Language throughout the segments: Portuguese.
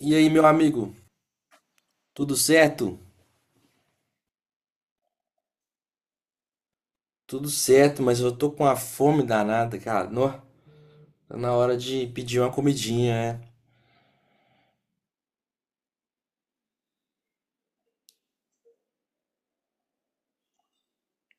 E aí, meu amigo, tudo certo? Tudo certo, mas eu tô com uma fome danada, cara. Nó, tá na hora de pedir uma comidinha, né?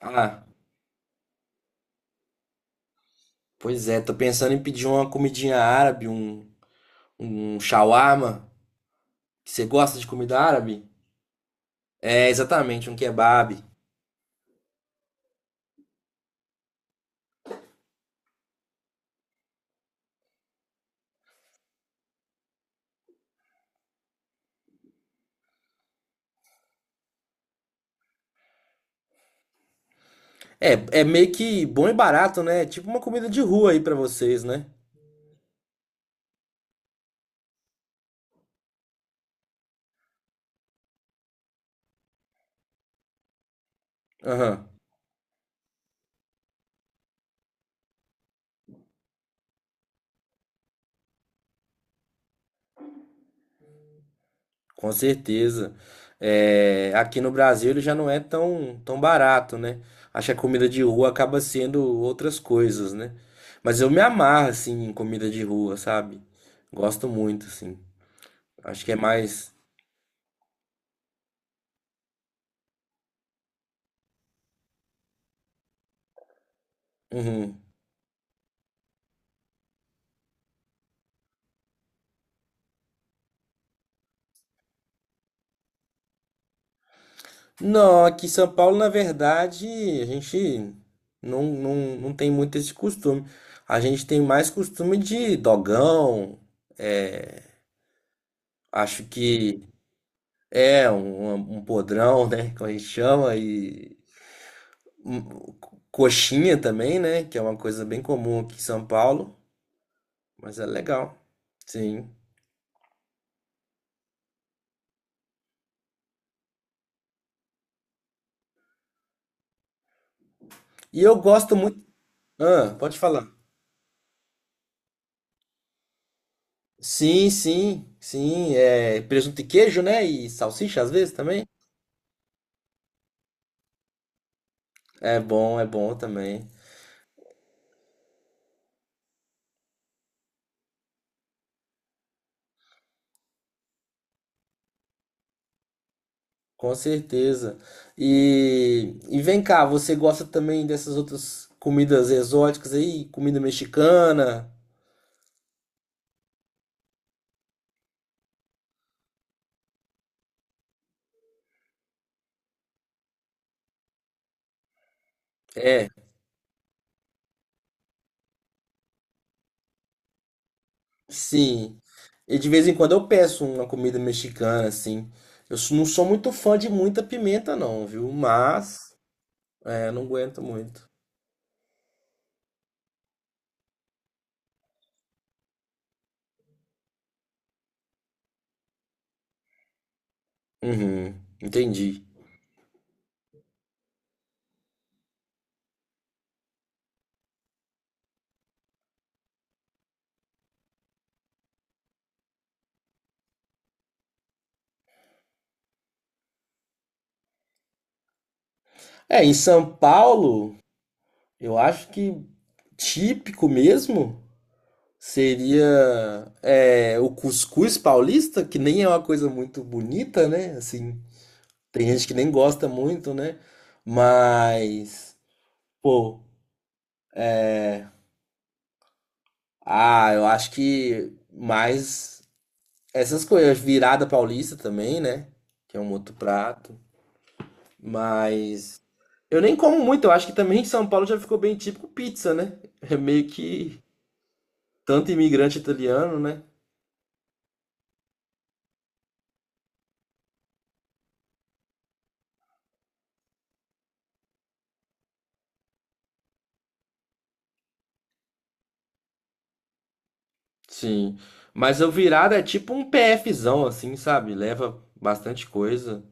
Ah, pois é, tô pensando em pedir uma comidinha árabe, um shawarma. Você gosta de comida árabe? É, exatamente, um kebab. É, é meio que bom e barato, né? Tipo uma comida de rua aí pra vocês, né? Aham. Com certeza. É, aqui no Brasil ele já não é tão, tão barato, né? Acho que a comida de rua acaba sendo outras coisas, né? Mas eu me amarro, assim, em comida de rua, sabe? Gosto muito, assim. Acho que é mais. Uhum. Não, aqui em São Paulo, na verdade, a gente não, não tem muito esse costume. A gente tem mais costume de dogão, é, acho que é um um podrão, né? Como a gente chama, e Hum, coxinha também, né? Que é uma coisa bem comum aqui em São Paulo, mas é legal. Sim. E eu gosto muito. Ah, pode falar. Sim, sim, sim. É presunto e queijo, né? E salsicha às vezes também. É bom também. Com certeza. E vem cá, você gosta também dessas outras comidas exóticas aí? Comida mexicana? É, sim. E de vez em quando eu peço uma comida mexicana, assim. Eu não sou muito fã de muita pimenta, não, viu? Mas, é, não aguento muito. Uhum, entendi. É, em São Paulo, eu acho que típico mesmo seria é, o cuscuz paulista, que nem é uma coisa muito bonita, né? Assim, tem gente que nem gosta muito, né? Mas, pô, ah, eu acho que mais. Essas coisas, virada paulista também, né? Que é um outro prato. Mas eu nem como muito, eu acho que também em São Paulo já ficou bem típico pizza, né? É meio que tanto imigrante italiano, né? Sim. Mas o virada é tipo um PFzão, assim, sabe? Leva bastante coisa.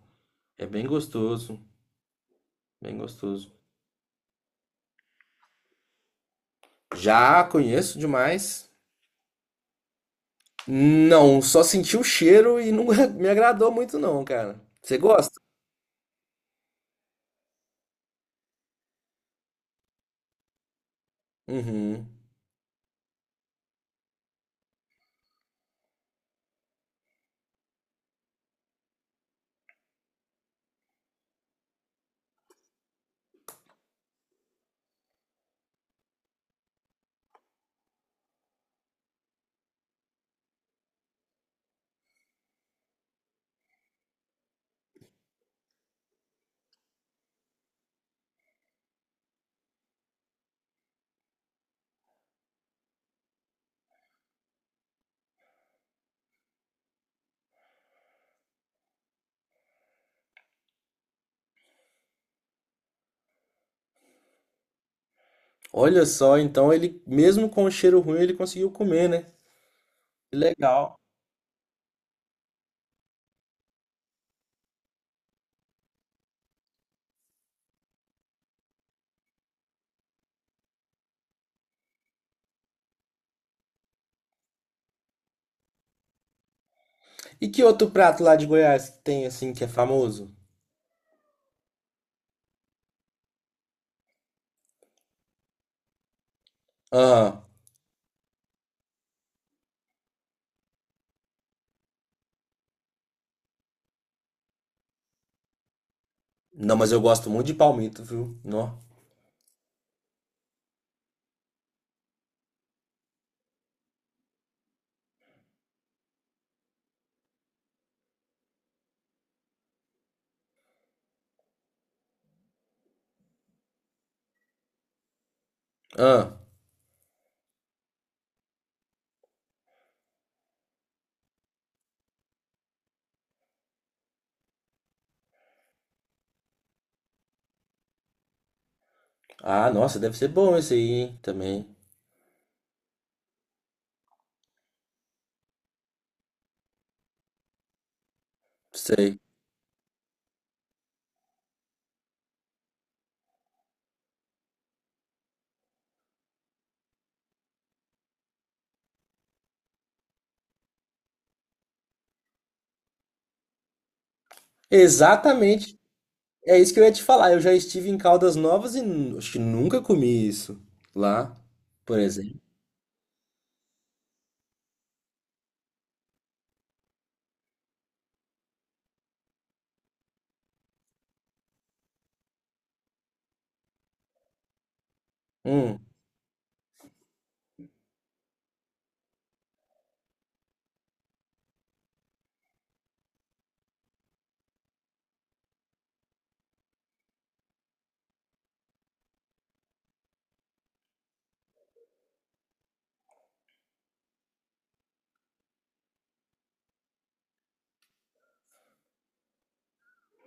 É bem gostoso. Bem gostoso. Já conheço demais. Não, só senti o cheiro e não me agradou muito, não, cara. Você gosta? Uhum. Olha só, então ele, mesmo com o cheiro ruim, ele conseguiu comer, né? Que legal. E que outro prato lá de Goiás que tem, assim, que é famoso? Ah, não, mas eu gosto muito de palmito, viu? Nó. Ah, ah, nossa, deve ser bom esse aí, hein? Também. Sei. Exatamente. É isso que eu ia te falar. Eu já estive em Caldas Novas e acho que nunca comi isso lá, por exemplo. Hum.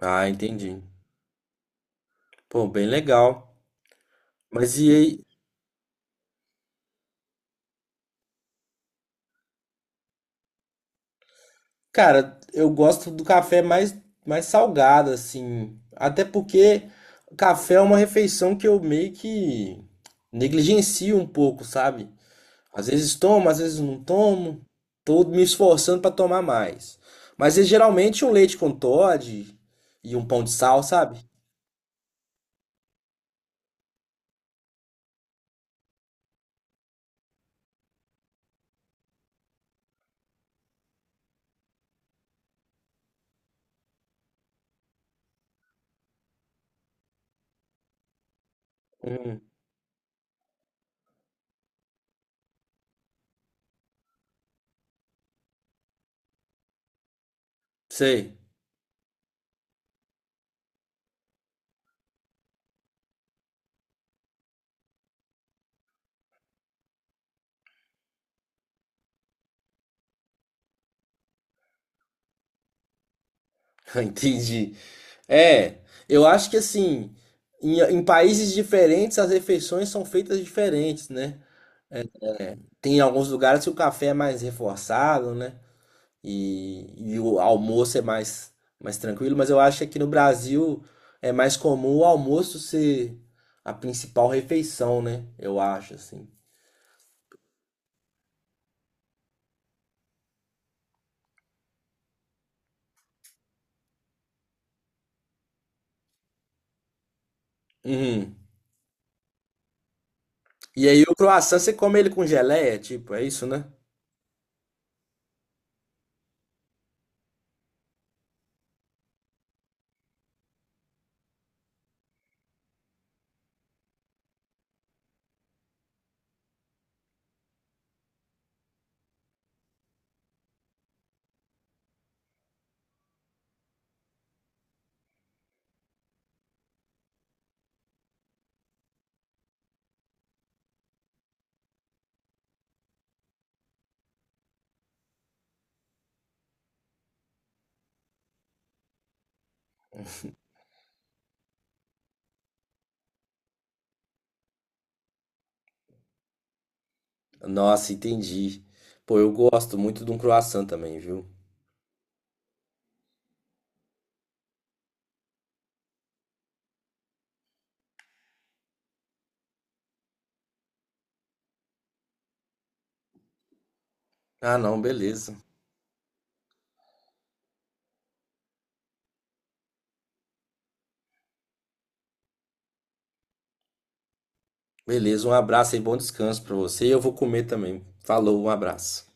Ah, entendi. Pô, bem legal. Mas e aí? Cara, eu gosto do café mais, mais salgado, assim. Até porque café é uma refeição que eu meio que negligencio um pouco, sabe? Às vezes tomo, às vezes não tomo. Tô me esforçando pra tomar mais. Mas é geralmente um leite com Toddy e um pão de sal, sabe? Hum, sei. Entendi. É, eu acho que assim, em países diferentes as refeições são feitas diferentes, né? Tem alguns lugares que o café é mais reforçado, né? E o almoço é mais, mais tranquilo, mas eu acho que aqui no Brasil é mais comum o almoço ser a principal refeição, né? Eu acho, assim. Uhum. E aí o croissant você come ele com geleia, tipo, é isso, né? Nossa, entendi. Pô, eu gosto muito de um croissant também, viu? Ah, não, beleza. Beleza, um abraço e bom descanso pra você. E eu vou comer também. Falou, um abraço.